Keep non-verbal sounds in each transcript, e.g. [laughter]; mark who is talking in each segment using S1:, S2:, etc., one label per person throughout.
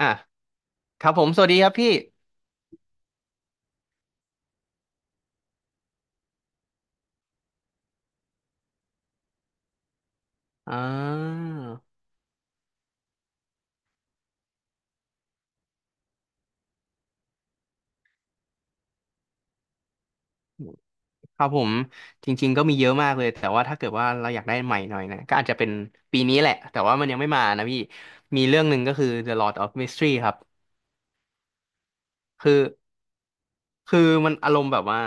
S1: อ่ะครับผมสวัสดีครับพี่อ่าครับผมจริงๆก็มีเยอะมากเลยแต่ว่าถ้าเกิดว่าเราอยากได้ใหม่หน่อยนะก็อาจจะเป็นปีนี้แหละแต่ว่ามันยังไม่มานะพี่มีเรื่องหนึ่งก็คือ The Lord of Mystery ครับคือ คือมัน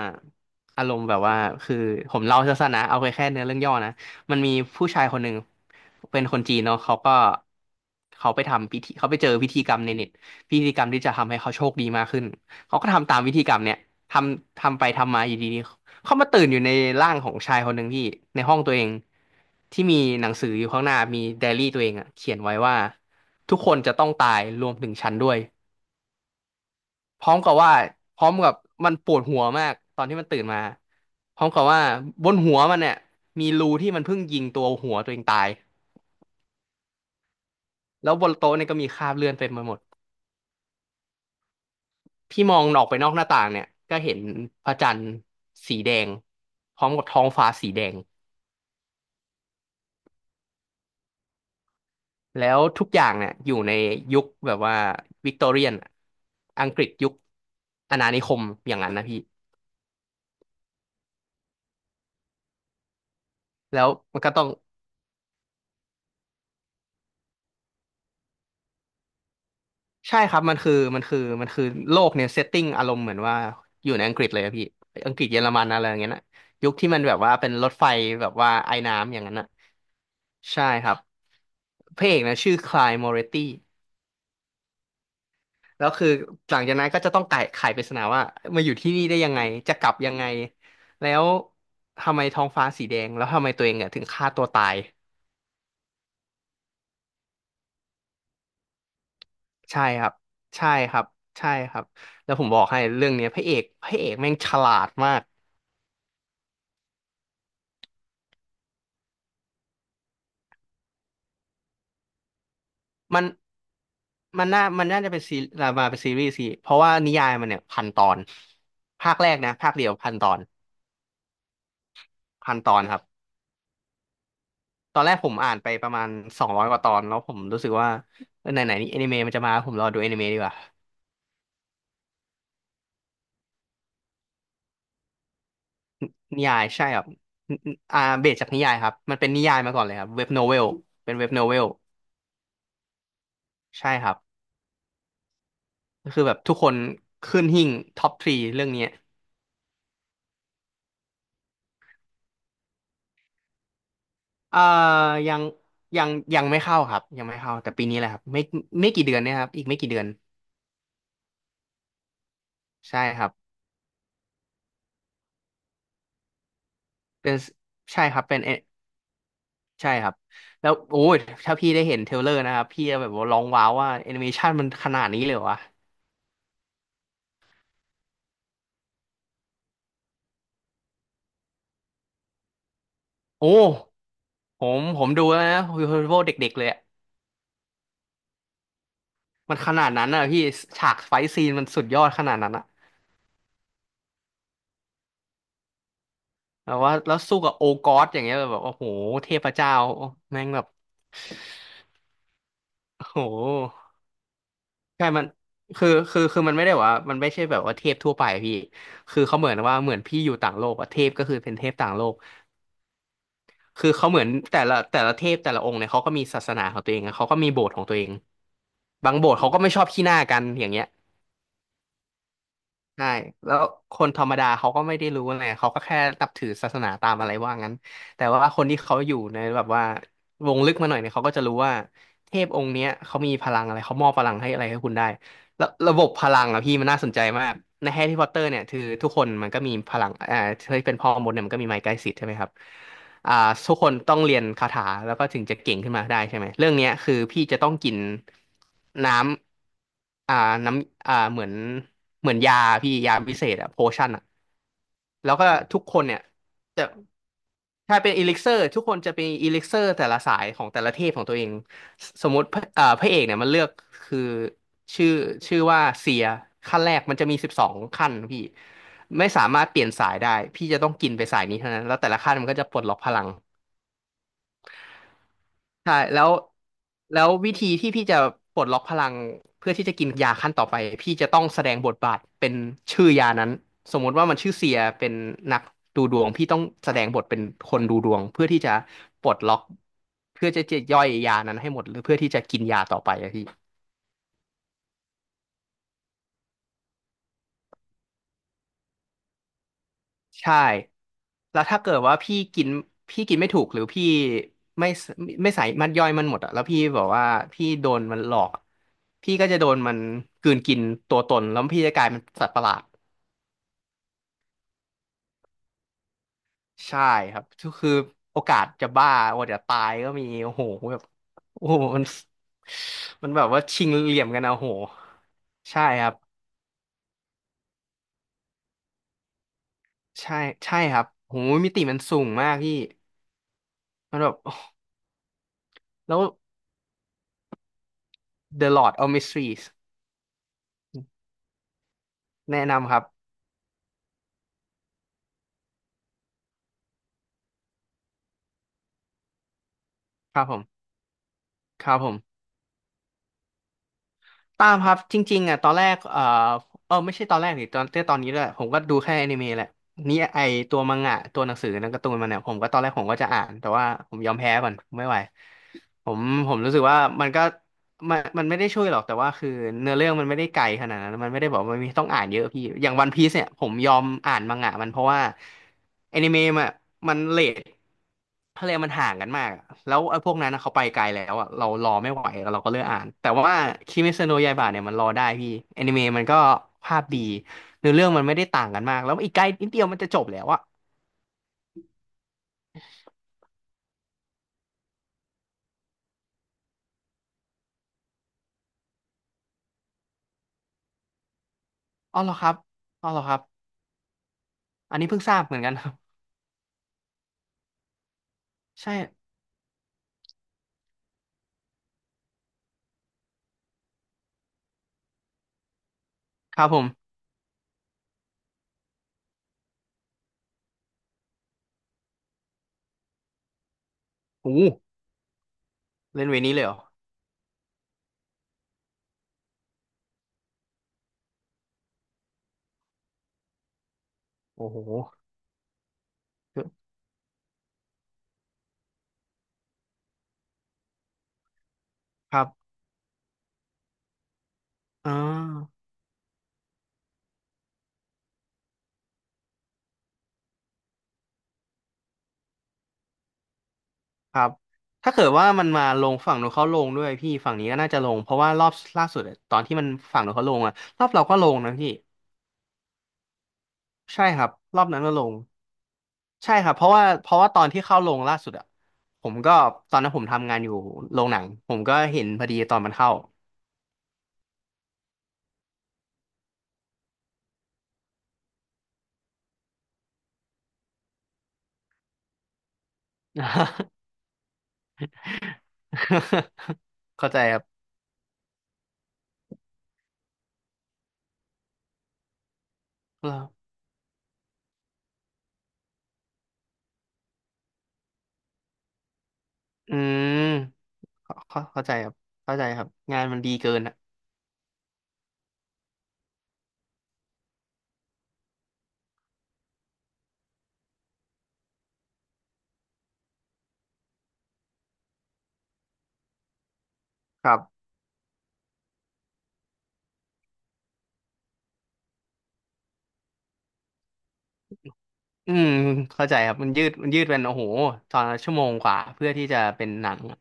S1: อารมณ์แบบว่าคือผมเล่าสั้นๆนะเอาไปแค่เนื้อเรื่องย่อนะมันมีผู้ชายคนหนึ่งเป็นคนจีนเนาะเขาก็เขาไปทำพิธีเขาไปเจอพิธีกรรมในเน็ตพิธีกรรมที่จะทำให้เขาโชคดีมากขึ้นเขาก็ทำตามพิธีกรรมเนี่ยทำไปทำมาอยู่ดีๆเขามาตื่นอยู่ในร่างของชายคนหนึ่งที่ในห้องตัวเองที่มีหนังสืออยู่ข้างหน้ามีไดอารี่ตัวเองอะเขียนไว้ว่าทุกคนจะต้องตายรวมถึงฉันด้วย พร้อมกับว่าพร้อมกับมันปวดหัวมากตอนที่มันตื่นมาพร้อมกับว่าบนหัวมันเนี่ยมีรูที่มันเพิ่งยิงตัวหัวตัวเองตายแล้วบนโต๊ะเนี่ยก็มีคราบเลือดเต็มไปหมดพี่มองออกไปนอกหน้าต่างเนี่ยก็เห็นพระจันทร์สีแดงพร้อมกับท้องฟ้าสีแดงแล้วทุกอย่างเนี่ยอยู่ในยุคแบบว่าวิกตอเรียนอังกฤษยุคอาณานิคมอย่างนั้นนะพี่แล้วมันก็ต้อง ใช่ครับมันคือโลกเนี่ยเซตติ้งอารมณ์เหมือนว่าอยู่ในอังกฤษเลยอะพี่อังกฤษเยอรมันอะไรอย่างเงี้ยนะยุคที่มันแบบว่าเป็นรถไฟแบบว่าไอ้น้ำอย่างนั้นนะใช่ครับพระเอกนะชื่อคลายมอเรตตี้แล้วคือหลังจากนั้นก็จะต้องไขปริศนาว่ามาอยู่ที่นี่ได้ยังไงจะกลับยังไงแล้วทำไมท้องฟ้าสีแดงแล้วทำไมตัวเองเนี่ยถึงฆ่าตัวตายใช่ครับใช่ครับใช่ครับแล้วผมบอกให้เรื่องเนี้ยพระเอกแม่งฉลาดมาก มันมันน่าจะเป็นซีรีส์สิเพราะว่านิยายมันเนี่ยพันตอนภาคแรกนะภาคเดียวพันตอนพันตอนครับตอนแรกผมอ่านไปประมาณ200กว่าตอนแล้วผมรู้สึกว่าเออไหนไหนนี่แอนิเมะมันจะมาผมรอดูแอนิเมะดีกว่านิยายใช่ครับนนอ่าเบสจากนิยายครับมันเป็นนิยายมาก่อนเลยครับเว็บโนเวลเป็นเว็บโนเวลใช่ครับก็คือแบบทุกคนขึ้นหิ้งท็อปทรีเรื่องนี้ เอ่อยังยังยังไม่เข้าครับยังไม่เข้าแต่ปีนี้แหละครับไม่กี่เดือนเนี่ยครับอีกไม่กี่เดือนใช่ครับเป็นใช่ครับเป็นเอใช่ครับแล้วโอ้ยถ้าพี่ได้เห็นเทรลเลอร์นะครับพี่จะแบบว่าร้องว้าวว่าแอนิเมชันมันขนาดนี้เลยเหรอวะโอ้ผมดูแล้วนะฮีโร่เด็กๆเลยอะมันขนาดนั้นอ่ะพี่ฉากไฟท์ซีนมันสุดยอดขนาดนั้นอะแบบว่าแล้วสู้กับโอกอสอย่างเงี้ยแบบโอ้โหเทพเจ้าแม่งแบบโอ้โห ใช่มันคือมันไม่ได้ว่ามันไม่ใช่แบบว่าเทพทั่วไปอะพี่คือเขาเหมือนว่าเหมือนพี่อยู่ต่างโลกอะเทพก็คือเป็นเทพต่างโลก คือเขาเหมือนแต่ละแต่ละเทพแต่ละองค์เนี่ยเขาก็มีศาสนาของตัวเองอะเขาก็มีโบสถ์ของตัวเอง บางโบสถ์เขาก็ไม่ชอบขี้หน้ากันอย่างเงี้ย ใช่แล้วคนธรรมดาเขาก็ไม่ได้รู้ไงเขาก็แค่นับถือศาสนาตามอะไรว่างั้นแต่ว่าคนที่เขาอยู่ในแบบว่าวงลึกมาหน่อยเนี่ยเขาก็จะรู้ว่าเทพองค์เนี้ยเขามีพลังอะไรเขามอบพลังให้อะไรให้คุณได้แล้วระบบพลังอะพี่มันน่าสนใจมากในแฮร์รี่พอตเตอร์เนี่ยคือทุกคนมันก็มีพลังที่เป็นพ่อมดเนี่ยมันก็มีไม้กลายสิทธิ์ใช่ไหมครับ อ่าทุกคนต้องเรียนคาถาแล้วก็ถึงจะเก่งขึ้นมาได้ใช่ไหมเรื่องเนี้ยคือพี่จะต้องกินน้ำอ่าน้ำอ่าเหมือนยาพี่ยาพิเศษอะโพชั่นอะแล้วก็ทุกคนเนี่ยจะถ้าเป็นอีลิกเซอร์ทุกคนจะเป็นอีลิกเซอร์แต่ละสายของแต่ละเทพของตัวเอง สมมติพระพระเอกเนี่ยมันเลือกคือชื่อว่าเสียขั้นแรกมันจะมีสิบสองขั้นพี่ไม่สามารถเปลี่ยนสายได้พี่จะต้องกินไปสายนี้เท่านั้นแล้วแต่ละขั้นมันก็จะปลดล็อกพลังใช่แล้วแล้ววิธีที่พี่จะปลดล็อกพลังเพื่อที่จะกินยาขั้นต่อไปพี่จะต้องแสดงบทบาทเป็นชื่อยานั้นสมมติว่ามันชื่อเสียเป็นนักดูดวงพี่ต้องแสดงบทเป็นคนดูดวงเพื่อที่จะปลดล็อกเพื่อจะย่อยยานั้นให้หมดหรือเพื่อที่จะกินยาต่อไปอะพี่ ใช่แล้วถ้าเกิดว่าพี่กินพี่กินไม่ถูกหรือพี่ไม่ใส่มันย่อยมันหมดอะแล้วพี่บอกว่าพี่โดนมันหลอกอะพี่ก็จะโดนมันกลืนกินตัวตนแล้วพี่จะกลายเป็นสัตว์ประหลาดใช่ครับคือโอกาสจะบ้าโอกาสจะตายก็มีโอ้โหแบบโอ้โหมันแบบว่าชิงเหลี่ยมกันอะโอ้โหใช่ครับใช่ใช่ครับโหมิติมันสูงมากพี่มันแบบโอ้โหแล้ว The Lord of Mysteries แนะนำครับครับผม ครับผม ตามครับ จริงๆอ่ะตอนแรกเออเออไม่ใช่ตอนแรกดิตอนนี้แหละผมก็ดูแค่อนิเมะแหละ นี่ไอตัวมังงะตัวหนังสือนังการ์ตูนมันเนี่ยผมก็ตอนแรกผมก็จะอ่าน แต่ว่าผมยอมแพ้ก่อน ไม่ไหว ผมผมรู้สึกว่ามันก็มันไม่ได้ช่วยหรอกแต่ว่าคือเนื้อเรื่องมันไม่ได้ไกลขนาดนั้นมันไม่ได้บอกว่ามนมีต้องอ่านเยอะพี่อย่างวันพีซเนี่ยผมยอมอ่านมังงะมันเพราะว่าแอนิเมะมันเรททะเลมันห่างกันมากอะแล้วไอ้พวกนั้นนะเขาไปไกลแล้วอ่ะเรารอไม่ไหวเราก็เลือกอ่านแต่ว่าคิเมซโนะยาอิบะเนี่ยมันรอได้พี่แอนิเมะมันก็ภาพดีเนื้อเรื่องมันไม่ได้ต่างกันมากแล้วอีกใกล้นิดเดียวมันจะจบแล้วอ่ะอ๋อเหรอครับอ๋อเหรอครับอันนี้เพิ่งทราบเหมือนกันครับใช่ครับผมโอ้ เล่นเวนี้เลยเหรอโอ้โหครับอ่าครับถ้าเกิดว่ามันมาลงฝั่งนู้นเขาลงด้วยพี่ฝั่งนี้ก็น่าจะลงเพราะว่ารอบล่าสุดอะตอนที่มันฝั่งนู้นเขาลงอะรอบเราก็ลงนะพี่ใช่ครับรอบนั้นก็ลงใช่ครับเพราะว่าตอนที่เข้าลงล่าสุดอะผมก็ตอนนั้นผมทำงานอยู่โรงหนังผมก็เห็นพอดีตอนมันเข้า [laughs] เข้าใจครับอืมเข้าใจครับเข้าใจครับงานมันดีเกินอะครับ อืมเข้าใจครับมันยืดเป็นโอ้โหตอนละชั่วโมงกว่าเพื่อที่จะเป็นหนังอะ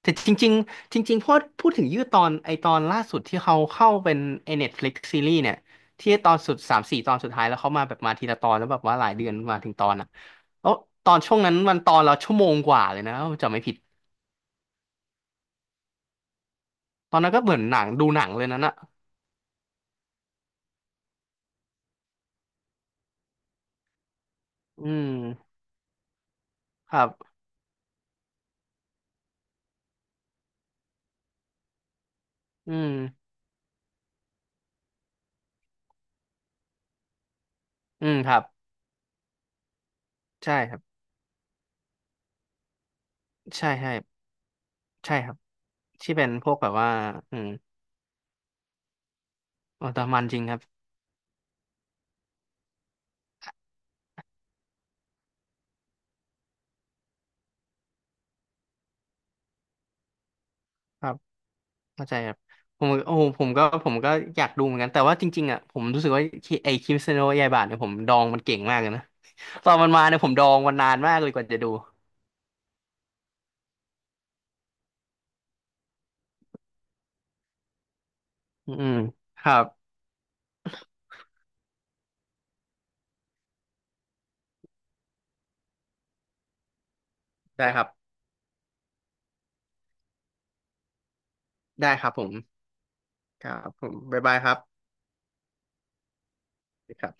S1: แต่จริงๆจริงๆพอพูดถึงยืดตอนไอตอนล่าสุดที่เขาเข้าเป็นไอ Netflix ซีรีส์เนี่ยที่ตอนสุดสามสี่ตอนสุดท้ายแล้วเขามาแบบมาทีละตอนแล้วแบบว่าหลายเดือนมาถึงตอนอ่ะแล้วตอนช่วงนั้นมันตอนละชั่วโมงกว่าเลยนะถ้าผมจำไม่ผิดตอนนั้นก็เหมือนหนังดูหนังเลยนั้นอ่ะอืมครับอืมอืมครับใช่ครับใช่ใช่ใช่ครับที่เป็นพวกแบบว่าอืมโอ้แต่มันจริงครับ เข้าใจครับผมโอ้โหผมก็อยากดูเหมือนกันแต่ว่าจริงๆอ่ะผมรู้สึกว่าไอ้คริสเตียโนยายบาทเนี่ยผมดองมันเก่งมากเลยนะ [laughs] ตอนมันมาเนี่ยผมดองมันนานมากเลยกว่าจะดูอืมครับได้ครับได้ครับผมครับผมบ๊ายบายครับสวัสดีครับ